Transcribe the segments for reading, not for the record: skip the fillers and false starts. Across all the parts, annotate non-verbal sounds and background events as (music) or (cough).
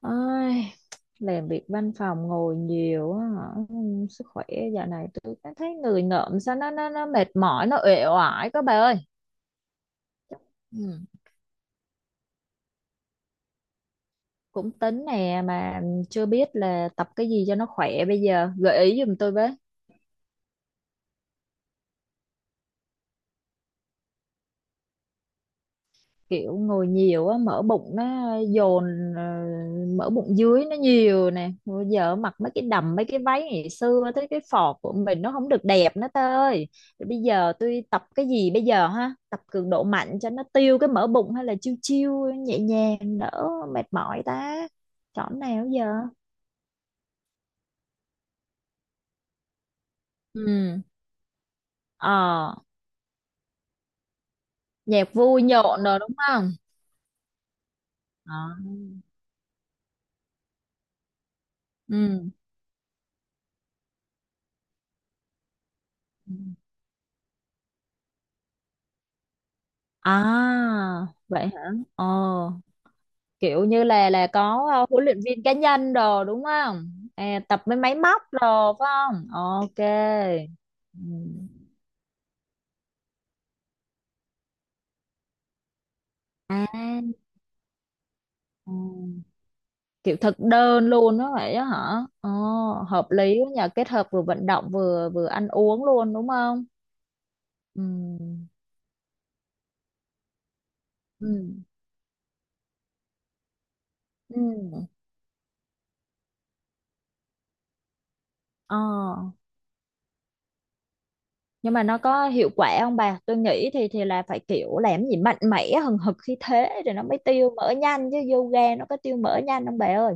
Ai làm việc văn phòng ngồi nhiều á hả? Sức khỏe dạo này tôi cảm thấy người ngợm sao nó mệt mỏi, nó uể oải các bà ơi. Ừ. Cũng tính nè, mà chưa biết là tập cái gì cho nó khỏe, bây giờ gợi ý giùm tôi với. Kiểu ngồi nhiều á, mỡ bụng nó dồn, ờ, mỡ bụng dưới nó nhiều nè, bây giờ mặc mấy cái đầm, mấy cái váy ngày xưa tới cái phọt của mình nó không được đẹp nữa tơi ơi. Rồi bây giờ tôi tập cái gì bây giờ ha, tập cường độ mạnh cho nó tiêu cái mỡ bụng, hay là chiêu chiêu nhẹ nhàng đỡ mệt mỏi ta, chọn nào giờ? Ừ. Ờ. Nhạc vui nhộn rồi đúng không? Ờ. Ừ. À vậy hả? Ờ Kiểu như là có huấn luyện viên cá nhân đồ đúng không, à, tập với máy móc đồ phải không? Ok. Ừ. À. Ừ. Kiểu thực đơn luôn đó vậy đó hả? Ồ, hợp lý quá nhờ, kết hợp vừa vận động vừa vừa ăn uống luôn đúng không? Ừ. Ừ. Ừ. Ờ. Nhưng mà nó có hiệu quả không bà? Tôi nghĩ thì là phải kiểu làm gì mạnh mẽ hừng hực khí thế rồi nó mới tiêu mỡ nhanh chứ, yoga nó có tiêu mỡ nhanh không bà ơi?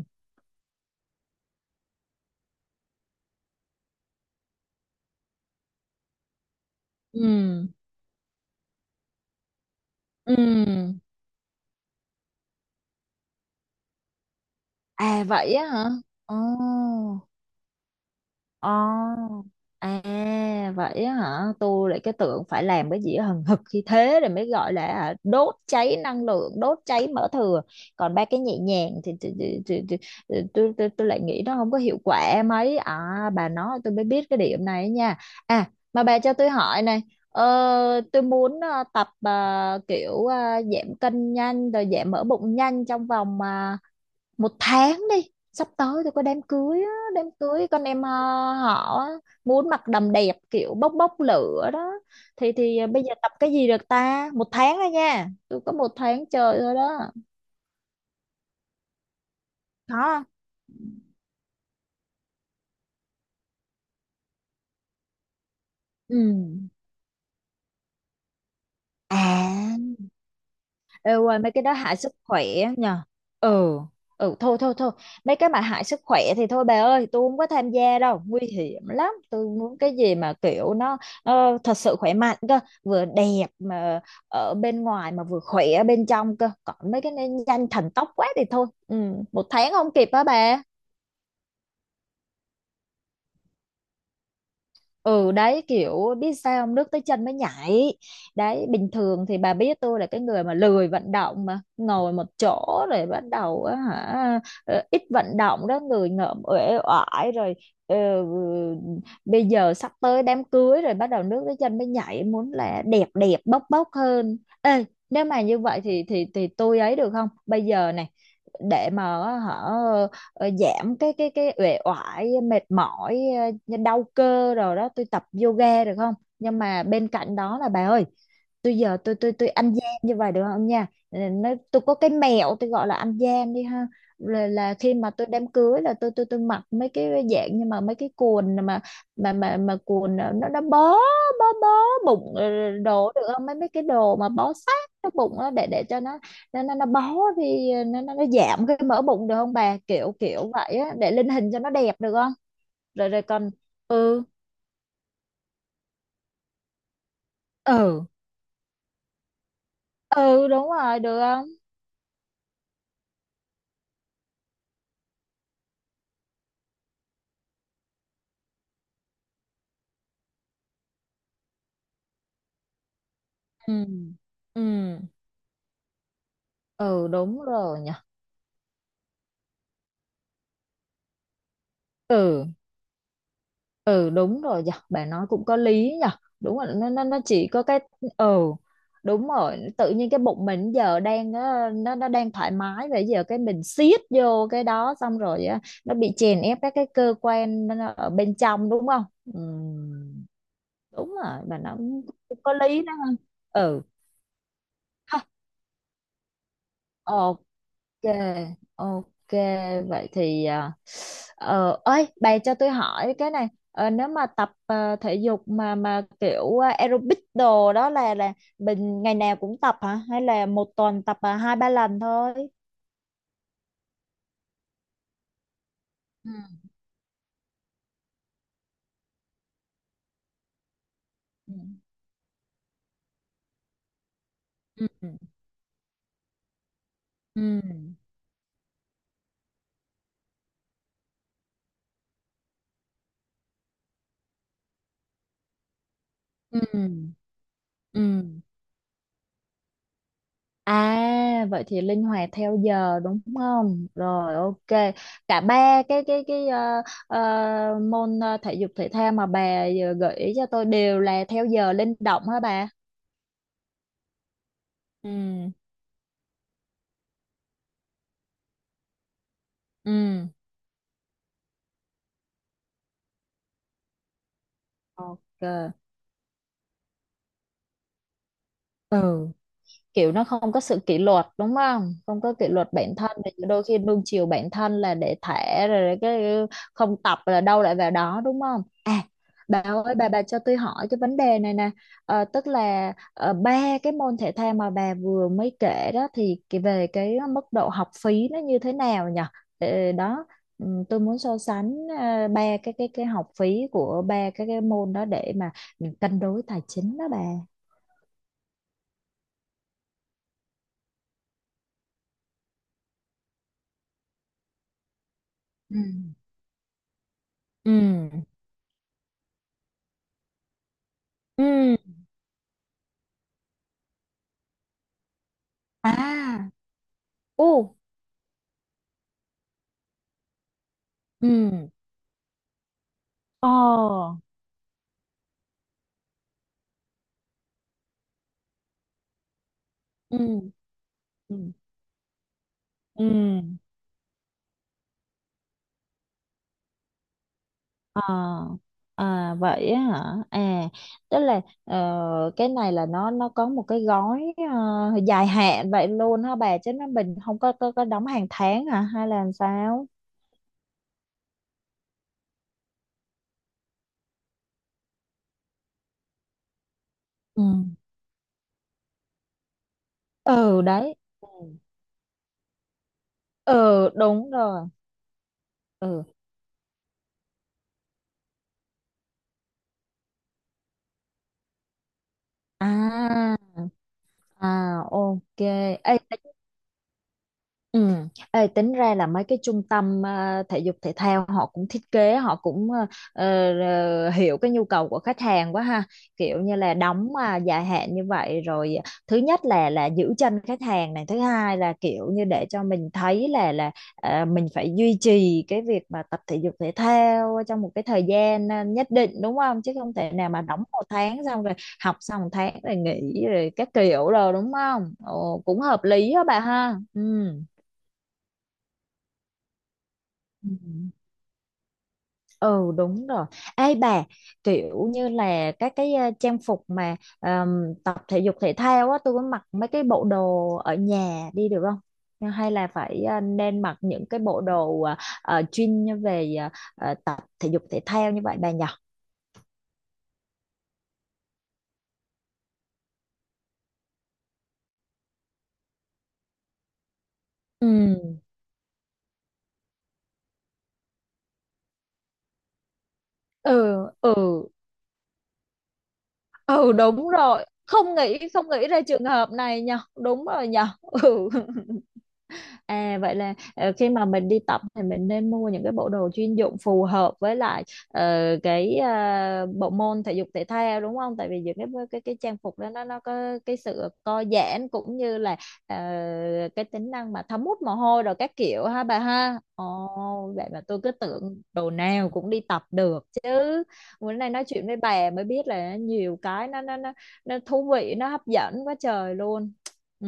Ừ. Ừ. À vậy á hả? Ồ. Ồ. À vậy á hả? Tôi lại cái tưởng phải làm cái gì hừng hực khi thế rồi mới gọi là hả, đốt cháy năng lượng, đốt cháy mỡ thừa. Còn ba cái nhẹ nhàng thì tôi lại nghĩ nó không có hiệu quả mấy. À, bà nói tôi mới biết cái điểm này nha. À mà bà cho tôi hỏi này. Tôi muốn tập kiểu giảm cân nhanh rồi giảm mỡ bụng nhanh trong vòng một tháng đi, sắp tới tôi có đám cưới á, đám cưới con em, họ á, muốn mặc đầm đẹp kiểu bốc bốc lửa đó. Thì bây giờ tập cái gì được ta, một tháng thôi nha, tôi có một tháng trời thôi đó. Có không? Ừ. À. Ê, ngoài mấy cái đó hại sức khỏe nhờ? Ừ. Ừ. Thôi thôi thôi, mấy cái mà hại sức khỏe thì thôi bà ơi, tôi không có tham gia đâu, nguy hiểm lắm. Tôi muốn cái gì mà kiểu nó thật sự khỏe mạnh cơ, vừa đẹp mà ở bên ngoài mà vừa khỏe ở bên trong cơ, còn mấy cái này nhanh thần tốc quá thì thôi. Ừ, một tháng không kịp á bà. Ừ đấy, kiểu biết sao không, nước tới chân mới nhảy. Đấy, bình thường thì bà biết tôi là cái người mà lười vận động, mà ngồi một chỗ rồi bắt đầu á hả, ít vận động đó người ngợm uể oải rồi. ờ, Bây giờ sắp tới đám cưới rồi bắt đầu nước tới chân mới nhảy, muốn là đẹp đẹp bốc bốc hơn. Ê, nếu mà như vậy thì tôi ấy được không bây giờ này, để mà họ giảm cái uể oải mệt mỏi, đau cơ rồi đó, tôi tập yoga được không? Nhưng mà bên cạnh đó là bà ơi, tôi giờ tôi ăn gian như vậy được không nha? Ừ, nó tôi có cái mẹo tôi gọi là ăn gian đi ha, là khi mà tôi đám cưới là tôi mặc mấy cái dạng, nhưng mà mấy cái quần mà mà quần nó bó, bó bụng, đồ được không, mấy mấy cái đồ mà bó sát cái bụng đó để cho nó nó bó thì nó nó giảm cái mỡ bụng được không bà, kiểu kiểu vậy á, để lên hình cho nó đẹp được không? Rồi rồi còn. Ừ. Ừ. Ừ, đúng rồi, được không? Ừ. Ừ. Ừ đúng rồi nhỉ. Ừ. Ừ đúng rồi nhỉ, bà nói cũng có lý nhỉ. Đúng rồi, nó chỉ có cái. Ừ đúng rồi, tự nhiên cái bụng mình giờ đang nó đang thoải mái vậy, giờ cái mình siết vô cái đó xong rồi á, nó bị chèn ép các cái cơ quan nó ở bên trong đúng không? Ừ. Đúng rồi, bà nói cũng có lý đó ha. Ừ ha, ok, ok. Vậy thì ơi bà cho tôi hỏi cái này. Ờ, nếu mà tập thể dục mà kiểu aerobic đồ đó, là mình ngày nào cũng tập, hả hay là một tuần tập hai ba lần thôi? Ừ. Ừ. Ừ. Ừ. Ừ. Ừ. À vậy thì linh hoạt theo giờ đúng không? Rồi ok. Cả ba cái môn thể dục thể thao mà bà vừa gợi ý cho tôi đều là theo giờ linh động hả bà? Ừ. Ừ. Ok. Ừ. Kiểu nó không có sự kỷ luật đúng không, không có kỷ luật bản thân thì đôi khi nuông chiều bản thân là để thả rồi cái không tập là đâu lại vào đó đúng không à. Bà ơi, bà cho tôi hỏi cái vấn đề này nè. Tức là ba cái môn thể thao mà bà vừa mới kể đó thì về cái mức độ học phí nó như thế nào nhỉ? Ờ, đó. Ừ, tôi muốn so sánh ba cái học phí của ba cái môn đó để mà mình cân đối tài chính đó bà. Ừ. Ừ. Ừ. À. Ồ. Ừ. Ồ. Ừ. Ừ. Ừ. À. À vậy á hả? À, tức là cái này là nó có một cái gói dài hạn vậy luôn hả bà? Chứ nó mình không có có đóng hàng tháng hả? Hay là làm sao? Ừ. Ừ, đấy. Ừ. Ừ, đúng rồi. Ừ. À. À, ok. Ê. Ừ. Ê, tính ra là mấy cái trung tâm thể dục thể thao, họ cũng thiết kế, họ cũng ờ, hiểu cái nhu cầu của khách hàng quá ha, kiểu như là đóng mà dài hạn như vậy rồi, thứ nhất là giữ chân khách hàng này, thứ hai là kiểu như để cho mình thấy là mình phải duy trì cái việc mà tập thể dục thể thao trong một cái thời gian nhất định đúng không, chứ không thể nào mà đóng một tháng xong rồi học xong một tháng rồi nghỉ rồi các kiểu rồi đúng không. Ồ, cũng hợp lý đó bà ha. Ừ. Ừ. Ừ, đúng rồi. Ê bà, kiểu như là các cái trang phục mà tập thể dục thể thao á, tôi có mặc mấy cái bộ đồ ở nhà đi được không? Nhưng hay là phải nên mặc những cái bộ đồ chuyên như về tập thể dục thể thao như vậy bà nhỉ? Ừ. Ừ. Ừ. Ừ đúng rồi. Không nghĩ ra trường hợp này nhỉ? Đúng rồi nhỉ? Ừ. À vậy là khi mà mình đi tập thì mình nên mua những cái bộ đồ chuyên dụng phù hợp với lại ờ, cái bộ môn thể dục thể thao đúng không? Tại vì những cái trang phục đó nó có cái sự co giãn, cũng như là ờ, cái tính năng mà thấm hút mồ hôi rồi các kiểu ha bà ha. Ồ, vậy mà tôi cứ tưởng đồ nào cũng đi tập được chứ. Bữa nay nói chuyện với bà mới biết là nhiều cái nó thú vị, nó hấp dẫn quá trời luôn. Ừ.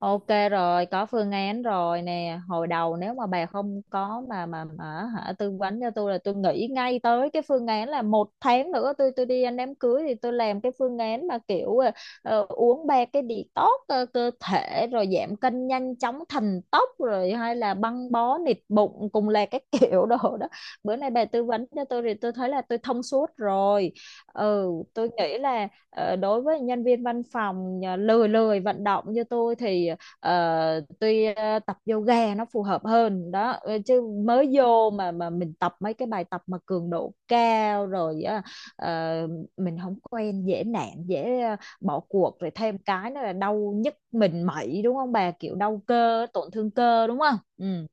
Ok rồi, có phương án rồi nè. Hồi đầu nếu mà bà không có mà hả tư vấn cho tôi là tôi nghĩ ngay tới cái phương án là một tháng nữa tôi đi ăn đám cưới thì tôi làm cái phương án mà kiểu uống ba cái detox cơ thể rồi giảm cân nhanh chóng thành tóc, rồi hay là băng bó nịt bụng cùng là các (laughs) kiểu đồ đó. Bữa nay bà tư vấn cho tôi thì tôi thấy là tôi thông suốt rồi. Ừ, tôi nghĩ là đối với nhân viên văn phòng lười lười vận động như tôi thì tuy tập yoga nó phù hợp hơn đó, chứ mới vô mà mình tập mấy cái bài tập mà cường độ cao rồi á, ờ, mình không quen dễ nản, dễ bỏ cuộc, rồi thêm cái nữa là đau nhức mình mẩy đúng không bà, kiểu đau cơ tổn thương cơ đúng không. Ừ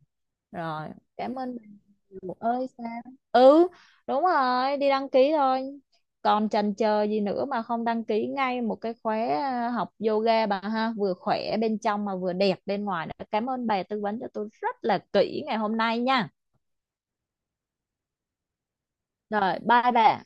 rồi. Cảm ơn bạn nhiều ơi sao. Ừ đúng rồi, đi đăng ký thôi, còn chần chờ gì nữa mà không đăng ký ngay một cái khóa học yoga bà ha, vừa khỏe bên trong mà vừa đẹp bên ngoài nữa. Cảm ơn bà tư vấn cho tôi rất là kỹ ngày hôm nay nha. Rồi bye bà.